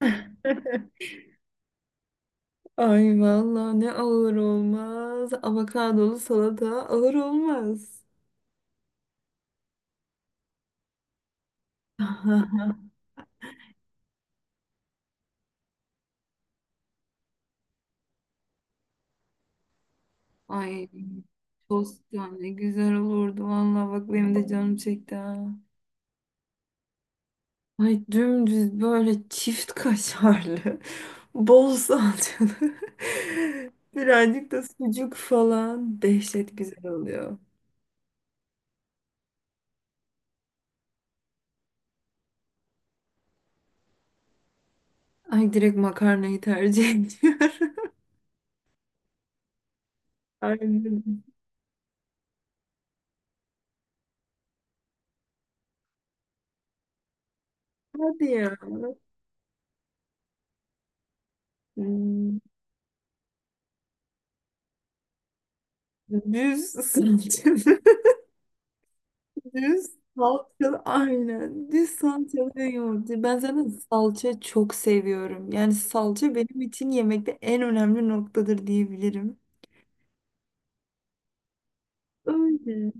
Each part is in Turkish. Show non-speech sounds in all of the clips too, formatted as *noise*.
*laughs* Ay vallahi ne ağır olmaz. Avokadolu salata ağır olmaz. *laughs* Ay tost ya ne güzel olurdu valla bak benim de canım çekti ha. Ay dümdüz böyle çift kaşarlı, *laughs* bol salçalı, *laughs* birazcık da sucuk falan dehşet güzel oluyor. Ay direkt makarnayı tercih *laughs* ediyorum. Aynen. Hadi ya. Hmm. Düz salçalı. *laughs* Düz salçalı. Aynen. Düz salçalı ve yoğurt. Ben zaten salça çok seviyorum. Yani salça benim için yemekte en önemli noktadır diyebilirim. Öyle.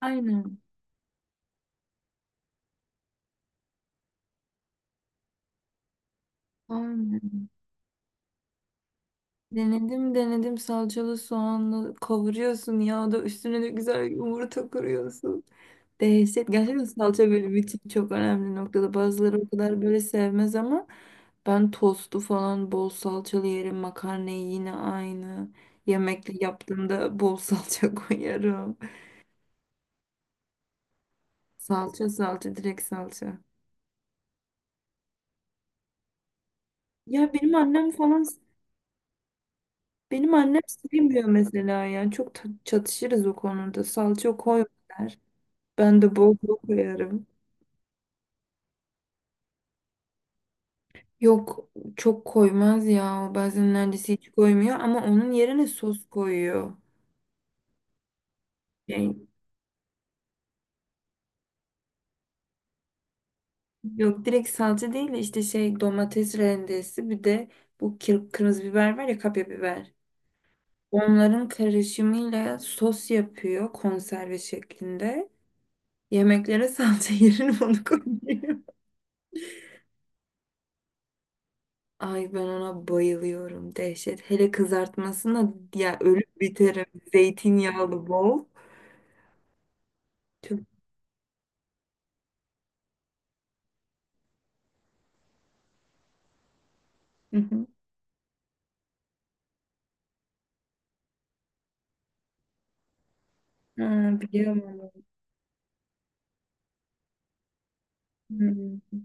Aynen. Aynen. Denedim. Salçalı soğanlı kavuruyorsun ya da üstüne de güzel yumurta kırıyorsun. Dehşet. Gerçekten salça böyle için çok önemli noktada. Bazıları o kadar böyle sevmez ama ben tostu falan bol salçalı yerim. Makarnayı yine aynı. Yemekli yaptığımda bol salça *laughs* koyarım. Salça, direkt salça. Ya benim annem falan benim annem sevmiyor mesela. Yani çok çatışırız o konuda. Salça koy der. Ben de bol bol koyarım. Yok, çok koymaz ya. O bazen neredeyse hiç koymuyor ama onun yerine sos koyuyor. Yani yok, direkt salça değil de işte şey, domates rendesi, bir de bu kırmızı biber var ya, kapya biber. Onların karışımıyla sos yapıyor konserve şeklinde. Yemeklere salça *laughs* yerine onu koyuyor. Ay ben ona bayılıyorum, dehşet. Hele kızartmasına ya, ölüp biterim. Zeytinyağlı bol. Çok. *laughs* Ha, biliyorum onu. Hmm.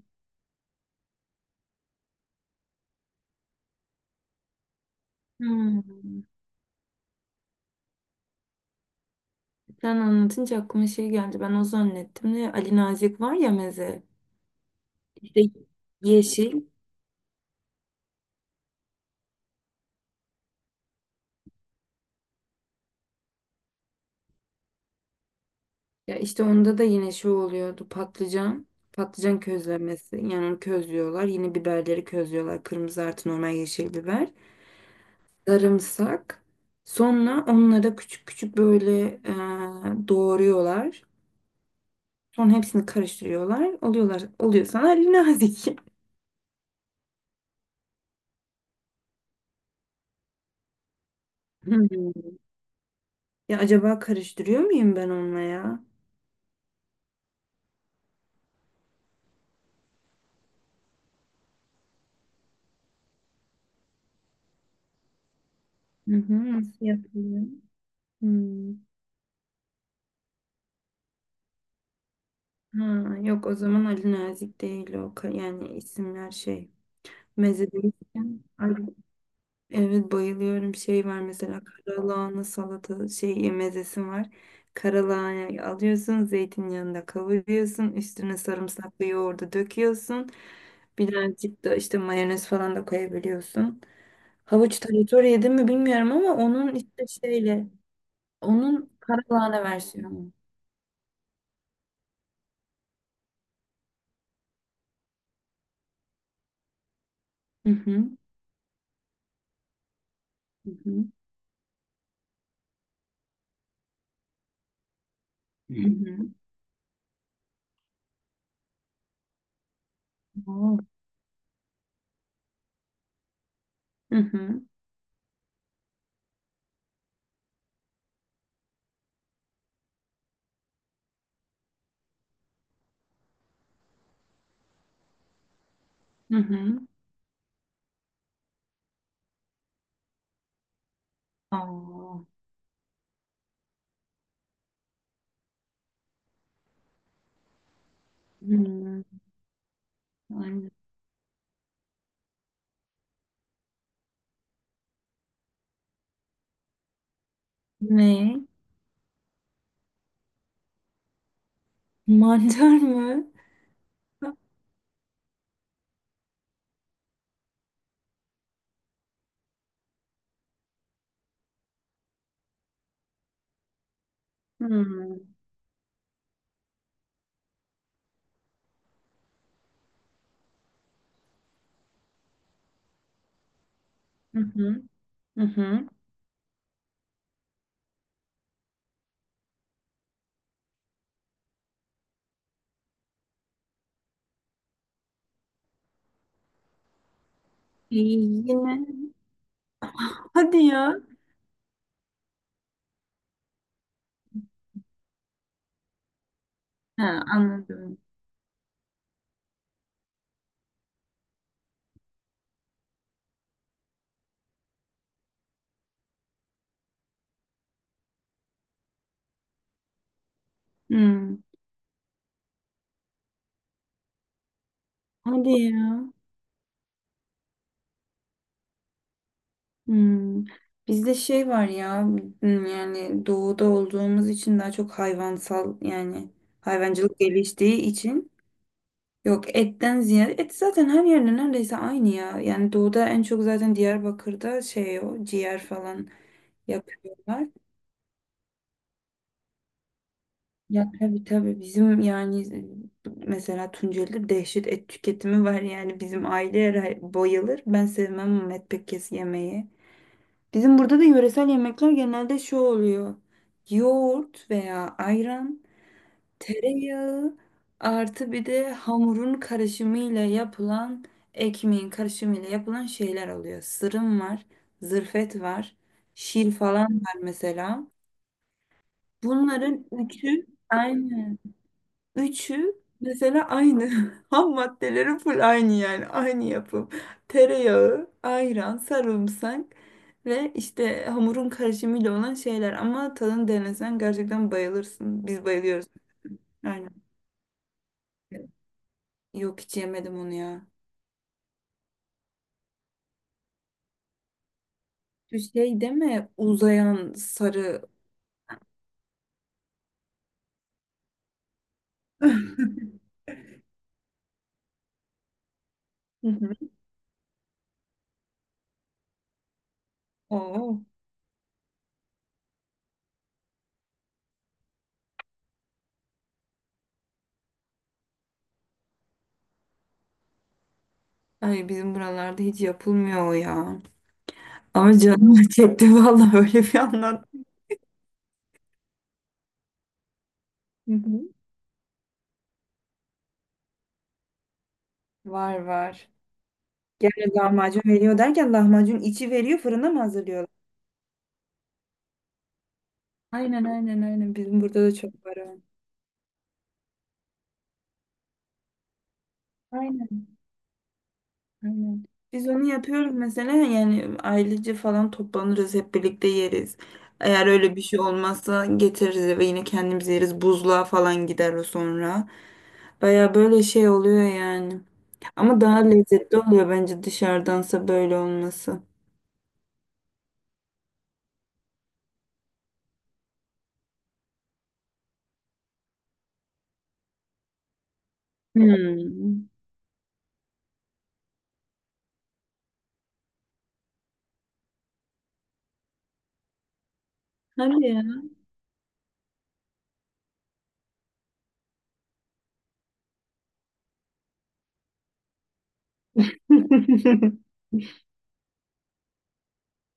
Hmm. Sen anlatınca aklıma şey geldi. Ben o zannettim de, Ali Nazik var ya, meze. İşte yeşil. Ya işte onda da yine şu oluyordu. Patlıcan. Patlıcan közlemesi. Yani onu közlüyorlar. Yine biberleri közlüyorlar. Kırmızı artı normal yeşil biber. Sarımsak. Sonra onlara küçük küçük böyle doğruyorlar. Sonra hepsini karıştırıyorlar. Oluyorlar. Oluyor sana Ali Nazik. *laughs* Ya acaba karıştırıyor muyum ben onunla ya? Hı hı, nasıl yapılıyor? Hmm. Ha, yok o zaman Ali Nazik değil o. Yani isimler şey. Meze değilken. Ali- Evet, bayılıyorum. Şey var mesela, karalahana salata şey mezesi var. Karalahana alıyorsun, zeytinyağında kavuruyorsun. Üstüne sarımsaklı yoğurdu döküyorsun. Birazcık da işte mayonez falan da koyabiliyorsun. Havuç tarator yedim mi bilmiyorum ama onun işte şeyle onun karalahane versiyonu. Hı hı. Hı hı. Hı Hmm. hı. Oo. Hı hı. Hı hı. Aa. Hmm. Ay. Ne? Mantar mı? Hmm. Hı hı. Hı hı. Yine. Hadi ya. Ha, anladım. Hmm. Hadi ya. Hmm. Bizde şey var ya, hmm, yani doğuda olduğumuz için daha çok hayvansal, yani hayvancılık geliştiği için. Yok, etten ziyade et zaten her yerde neredeyse aynı ya. Yani doğuda en çok zaten Diyarbakır'da şey, o ciğer falan yapıyorlar. Ya tabii tabii, bizim yani mesela Tunceli'de dehşet et tüketimi var. Yani bizim aile bayılır. Ben sevmem ama et pek, kes yemeği. Bizim burada da yöresel yemekler genelde şu oluyor. Yoğurt veya ayran, tereyağı artı bir de hamurun karışımıyla yapılan, ekmeğin karışımıyla yapılan şeyler oluyor. Sırım var, zırfet var, şir falan var mesela. Bunların üçü aynı. Üçü mesela aynı. *laughs* Ham maddeleri full aynı yani. Aynı yapım. Tereyağı, ayran, sarımsak ve işte hamurun karışımıyla olan şeyler. Ama tadını denesen gerçekten bayılırsın. Biz bayılıyoruz. Aynen. Yok, hiç yemedim onu ya. Şu şey deme, uzayan sarı. Hı hı. *laughs* Oo. Ay bizim buralarda hiç yapılmıyor o ya. Ama canım *laughs* çekti vallahi, öyle bir anlat. Hı hı. Var var. Yani lahmacun veriyor derken, lahmacun içi veriyor fırına mı, hazırlıyorlar? Aynen, bizim burada da çok var o. Aynen. Aynen. Biz onu yapıyoruz mesela, yani ailece falan toplanırız, hep birlikte yeriz. Eğer öyle bir şey olmazsa getiririz eve, yine kendimiz yeriz. Buzluğa falan gider o sonra. Baya böyle şey oluyor yani. Ama daha lezzetli oluyor bence dışarıdansa böyle olması. Hmm. Hadi ya. *laughs*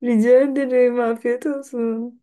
Rica ederim. Afiyet olsun.